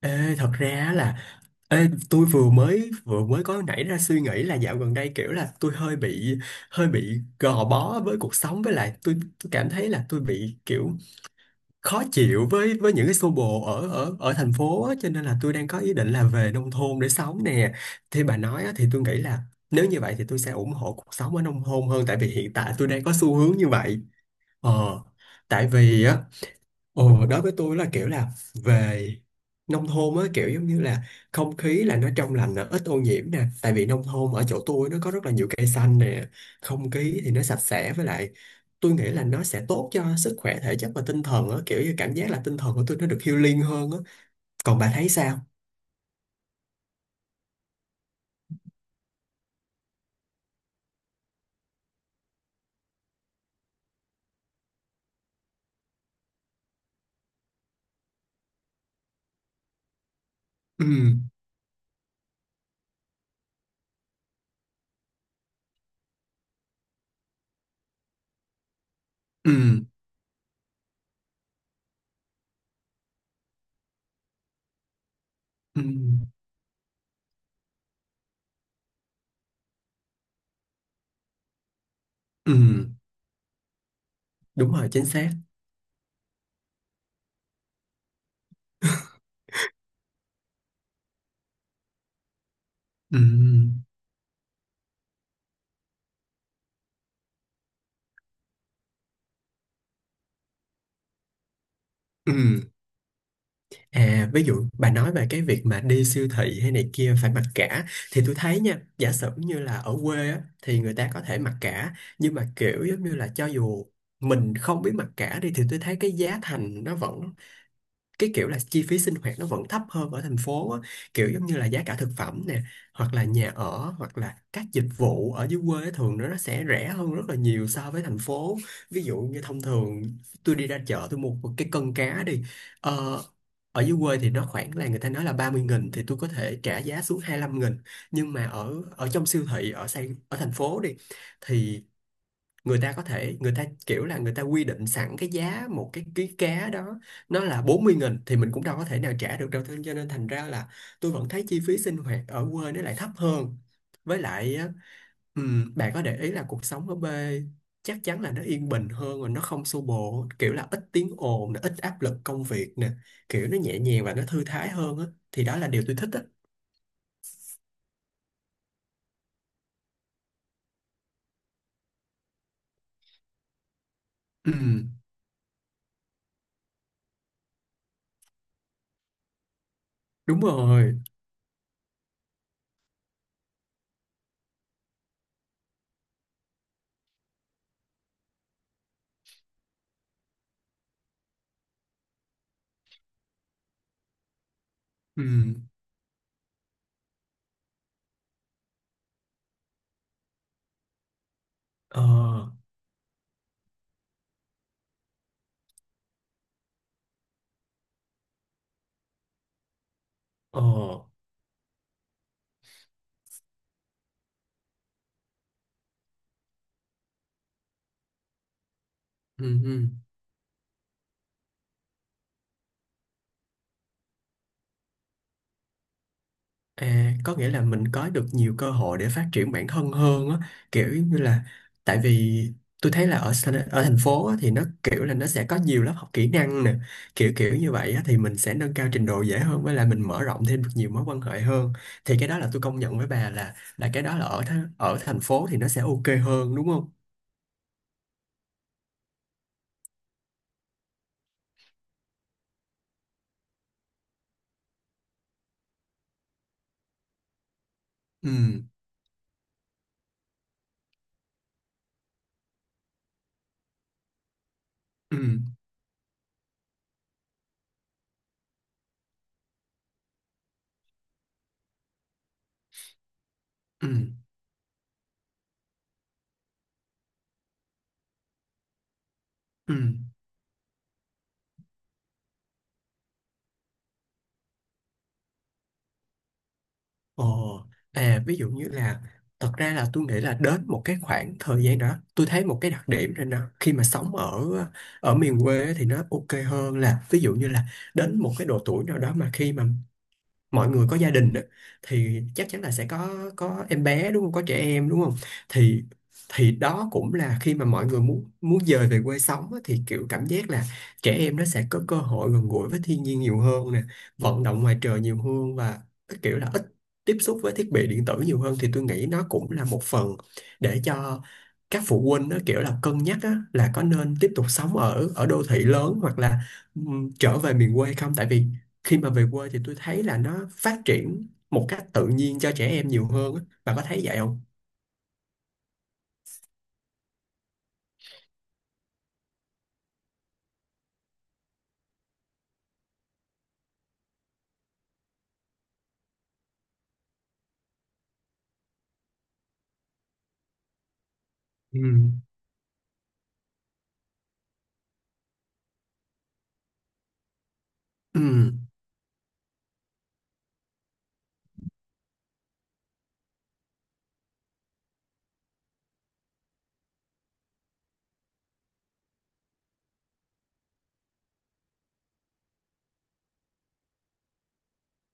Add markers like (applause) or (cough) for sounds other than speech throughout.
Ê, thật ra á là ê, tôi vừa mới có nảy ra suy nghĩ là dạo gần đây kiểu là tôi hơi bị gò bó với cuộc sống với lại tôi cảm thấy là tôi bị kiểu khó chịu với những cái xô bồ ở ở ở thành phố á, cho nên là tôi đang có ý định là về nông thôn để sống nè. Thì bà nói á, thì tôi nghĩ là nếu như vậy thì tôi sẽ ủng hộ cuộc sống ở nông thôn hơn tại vì hiện tại tôi đang có xu hướng như vậy. Ờ, tại vì á. Ồ, đối với tôi là kiểu là về nông thôn á, kiểu giống như là không khí là nó trong lành nè, ít ô nhiễm nè, tại vì nông thôn ở chỗ tôi nó có rất là nhiều cây xanh nè, không khí thì nó sạch sẽ, với lại tôi nghĩ là nó sẽ tốt cho sức khỏe thể chất và tinh thần á, kiểu như cảm giác là tinh thần của tôi nó được healing hơn á. Còn bà thấy sao? Ừ. Ừ. Ừ. Ừ. Đúng rồi, chính xác. Ừ. Ừ. À, ví dụ bà nói về cái việc mà đi siêu thị hay này kia phải mặc cả, thì tôi thấy nha, giả sử như là ở quê á, thì người ta có thể mặc cả, nhưng mà kiểu giống như là cho dù mình không biết mặc cả đi thì tôi thấy cái giá thành nó vẫn, cái kiểu là chi phí sinh hoạt nó vẫn thấp hơn ở thành phố á. Kiểu giống như là giá cả thực phẩm nè, hoặc là nhà ở, hoặc là các dịch vụ ở dưới quê thường nó sẽ rẻ hơn rất là nhiều so với thành phố. Ví dụ như thông thường, tôi đi ra chợ tôi mua một cái cân cá đi, ờ, ở dưới quê thì nó khoảng là người ta nói là 30.000, thì tôi có thể trả giá xuống 25.000. Nhưng mà ở ở trong siêu thị ở Sài, ở thành phố đi, thì người ta có thể, người ta kiểu là người ta quy định sẵn cái giá một cái ký cá đó nó là 40.000, thì mình cũng đâu có thể nào trả được đâu, thế cho nên thành ra là tôi vẫn thấy chi phí sinh hoạt ở quê nó lại thấp hơn. Với lại á, bạn có để ý là cuộc sống ở quê chắc chắn là nó yên bình hơn và nó không xô bồ, kiểu là ít tiếng ồn nè, ít áp lực công việc nè, kiểu nó nhẹ nhàng và nó thư thái hơn á. Thì đó là điều tôi thích á. Ừm. Đúng rồi. Ừm. Ờ. Ờ. Ừm. Ừm. À, có nghĩa là mình có được nhiều cơ hội để phát triển bản thân hơn á, kiểu như là, tại vì tôi thấy là ở ở thành phố á, thì nó kiểu là nó sẽ có nhiều lớp học kỹ năng nè, kiểu kiểu như vậy á, thì mình sẽ nâng cao trình độ dễ hơn, với lại mình mở rộng thêm được nhiều mối quan hệ hơn. Thì cái đó là tôi công nhận với bà là cái đó là ở ở thành phố thì nó sẽ ok hơn đúng không? Ừ. Ừ. Ừ. Ừ. Ồ, à ví dụ như là, thật ra là tôi nghĩ là đến một cái khoảng thời gian đó tôi thấy một cái đặc điểm rồi nè, khi mà sống ở ở miền quê thì nó ok hơn, là ví dụ như là đến một cái độ tuổi nào đó mà khi mà mọi người có gia đình á, thì chắc chắn là sẽ có em bé đúng không, có trẻ em đúng không, thì đó cũng là khi mà mọi người muốn muốn dời về quê sống á, thì kiểu cảm giác là trẻ em nó sẽ có cơ hội gần gũi với thiên nhiên nhiều hơn nè, vận động ngoài trời nhiều hơn, và cái kiểu là ít tiếp xúc với thiết bị điện tử nhiều hơn, thì tôi nghĩ nó cũng là một phần để cho các phụ huynh nó kiểu là cân nhắc á, là có nên tiếp tục sống ở ở đô thị lớn hoặc là trở về miền quê không, tại vì khi mà về quê thì tôi thấy là nó phát triển một cách tự nhiên cho trẻ em nhiều hơn á. Bà có thấy vậy không? Ừ. Ừ.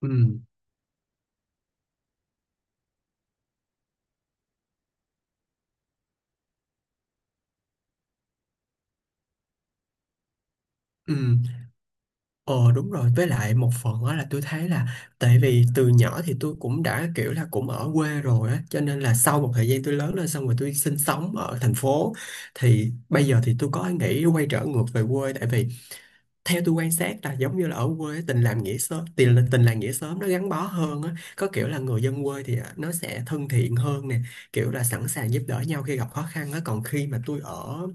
Ừ. Ừ. Ờ đúng rồi, với lại một phần đó là tôi thấy là, tại vì từ nhỏ thì tôi cũng đã kiểu là cũng ở quê rồi á, cho nên là sau một thời gian tôi lớn lên xong rồi tôi sinh sống ở thành phố, thì bây giờ thì tôi có nghĩ quay trở ngược về quê, tại vì theo tôi quan sát là giống như là ở quê tình làm nghĩa sớm, tình tình làng nghĩa xóm nó gắn bó hơn á, có kiểu là người dân quê thì à, nó sẽ thân thiện hơn nè, kiểu là sẵn sàng giúp đỡ nhau khi gặp khó khăn á. Còn khi mà tôi ở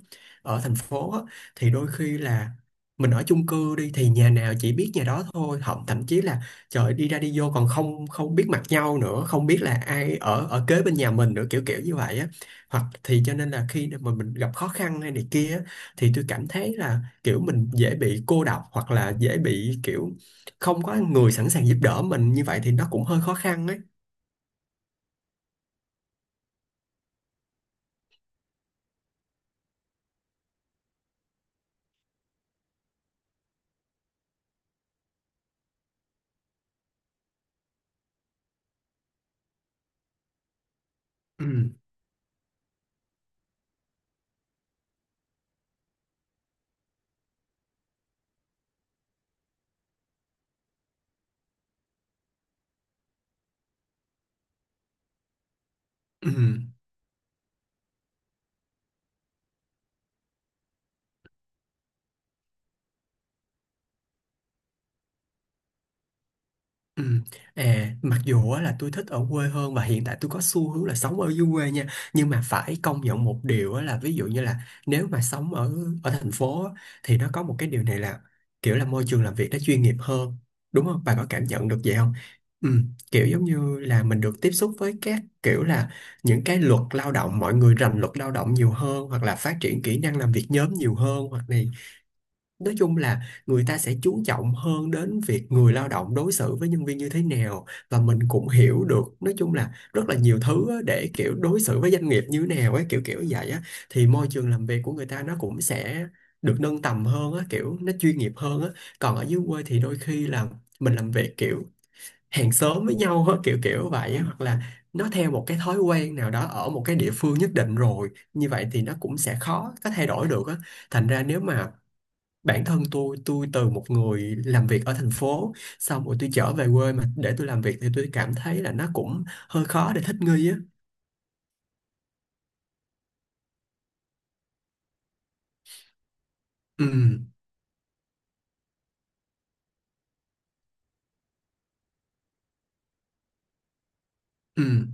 ở thành phố á, thì đôi khi là mình ở chung cư đi, thì nhà nào chỉ biết nhà đó thôi, thậm thậm chí là trời đi ra đi vô còn không không biết mặt nhau nữa, không biết là ai ở ở kế bên nhà mình nữa, kiểu kiểu như vậy á. Hoặc thì cho nên là khi mà mình gặp khó khăn hay này kia á, thì tôi cảm thấy là kiểu mình dễ bị cô độc, hoặc là dễ bị kiểu không có người sẵn sàng giúp đỡ mình, như vậy thì nó cũng hơi khó khăn ấy. Ừ. Ừ. Ừ. À, mặc dù á, là tôi thích ở quê hơn và hiện tại tôi có xu hướng là sống ở dưới quê nha, nhưng mà phải công nhận một điều á, là ví dụ như là nếu mà sống ở ở thành phố á, thì nó có một cái điều này là kiểu là môi trường làm việc nó chuyên nghiệp hơn, đúng không, bà có cảm nhận được vậy không? Ừ. Kiểu giống như là mình được tiếp xúc với các kiểu là những cái luật lao động, mọi người rành luật lao động nhiều hơn, hoặc là phát triển kỹ năng làm việc nhóm nhiều hơn, hoặc này. Nói chung là người ta sẽ chú trọng hơn đến việc người lao động đối xử với nhân viên như thế nào, và mình cũng hiểu được nói chung là rất là nhiều thứ á, để kiểu đối xử với doanh nghiệp như thế nào ấy, kiểu kiểu vậy á. Thì môi trường làm việc của người ta nó cũng sẽ được nâng tầm hơn á, kiểu nó chuyên nghiệp hơn á. Còn ở dưới quê thì đôi khi là mình làm việc kiểu hàng xóm với nhau á, kiểu kiểu vậy á, hoặc là nó theo một cái thói quen nào đó ở một cái địa phương nhất định rồi, như vậy thì nó cũng sẽ khó có thay đổi được á. Thành ra nếu mà bản thân tôi, từ một người làm việc ở thành phố xong rồi tôi trở về quê mà để tôi làm việc, thì tôi cảm thấy là nó cũng hơi khó để thích nghi á. Ừ. Ừ.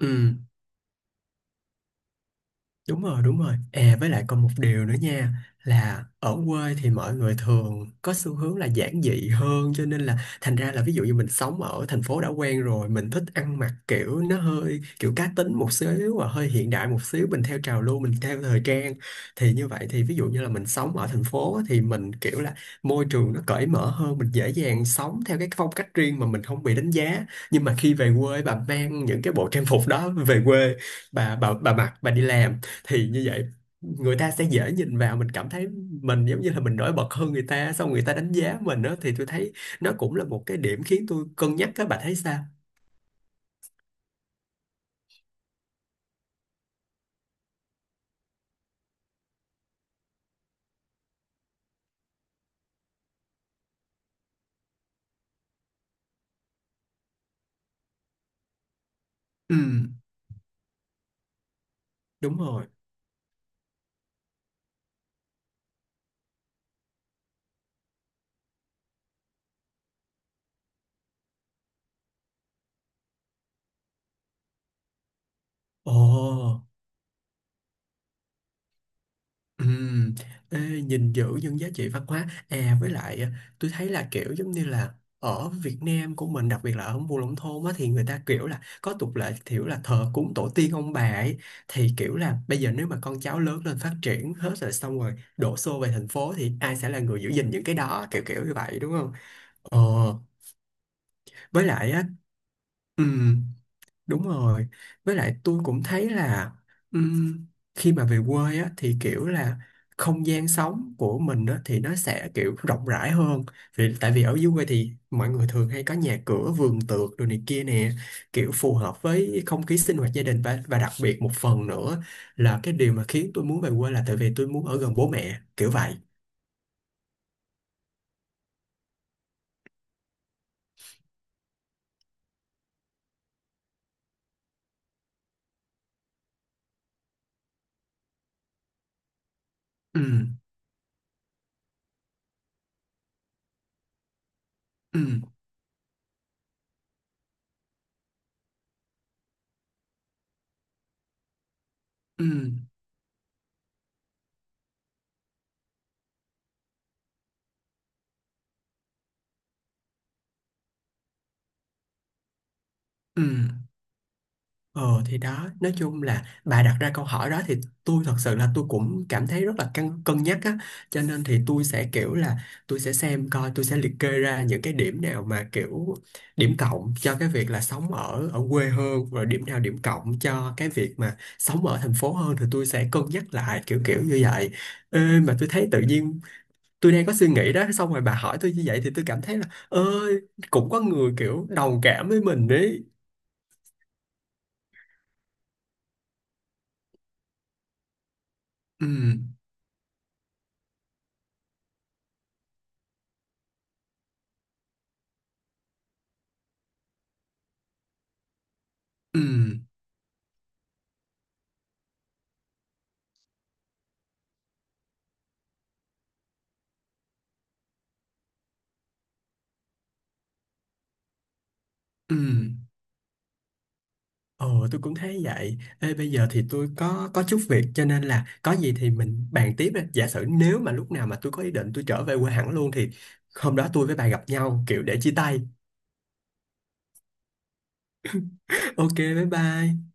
Ừ. Đúng rồi, đúng rồi. À với lại còn một điều nữa nha, là ở quê thì mọi người thường có xu hướng là giản dị hơn, cho nên là thành ra là ví dụ như mình sống ở thành phố đã quen rồi, mình thích ăn mặc kiểu nó hơi kiểu cá tính một xíu và hơi hiện đại một xíu, mình theo trào lưu mình theo thời trang, thì như vậy thì ví dụ như là mình sống ở thành phố á, thì mình kiểu là môi trường nó cởi mở hơn, mình dễ dàng sống theo cái phong cách riêng mà mình không bị đánh giá. Nhưng mà khi về quê bà mang những cái bộ trang phục đó về quê, bà mặc bà đi làm, thì như vậy người ta sẽ dễ nhìn vào mình, cảm thấy mình giống như là mình nổi bật hơn người ta, xong người ta đánh giá mình đó, thì tôi thấy nó cũng là một cái điểm khiến tôi cân nhắc, các bạn thấy sao? Ừ. Đúng rồi. Ồ. Ừm, ê, gìn giữ những giá trị văn hóa à, với lại à, tôi thấy là kiểu giống như là ở Việt Nam của mình, đặc biệt là ở vùng nông thôn á, thì người ta kiểu là có tục lệ kiểu là thờ cúng tổ tiên ông bà ấy. Thì kiểu là bây giờ nếu mà con cháu lớn lên phát triển hết rồi xong rồi đổ xô về thành phố, thì ai sẽ là người giữ gìn những cái đó, kiểu kiểu như vậy đúng không? Ờ. Với lại á. Đúng rồi. Với lại tôi cũng thấy là ừm, khi mà về quê á, thì kiểu là không gian sống của mình á, thì nó sẽ kiểu rộng rãi hơn. Vì tại vì ở dưới quê thì mọi người thường hay có nhà cửa, vườn tược đồ này kia nè, kiểu phù hợp với không khí sinh hoạt gia đình, và đặc biệt một phần nữa là cái điều mà khiến tôi muốn về quê là tại vì tôi muốn ở gần bố mẹ, kiểu vậy. Ừ. Ừ. Ừ. Ừ. Ờ thì đó, nói chung là bà đặt ra câu hỏi đó, thì tôi thật sự là tôi cũng cảm thấy rất là cân cân nhắc á, cho nên thì tôi sẽ kiểu là tôi sẽ xem coi, tôi sẽ liệt kê ra những cái điểm nào mà kiểu điểm cộng cho cái việc là sống ở ở quê hơn, rồi điểm nào điểm cộng cho cái việc mà sống ở thành phố hơn, thì tôi sẽ cân nhắc lại kiểu kiểu như vậy. Ê, mà tôi thấy tự nhiên tôi đang có suy nghĩ đó, xong rồi bà hỏi tôi như vậy thì tôi cảm thấy là ơi, cũng có người kiểu đồng cảm với mình đấy. Ừ. Ừ. Ừ, ồ tôi cũng thấy vậy. Ê, bây giờ thì tôi có chút việc, cho nên là có gì thì mình bàn tiếp đi. Giả sử nếu mà lúc nào mà tôi có ý định tôi trở về quê hẳn luôn, thì hôm đó tôi với bà gặp nhau kiểu để chia tay. (laughs) Ok, bye bye.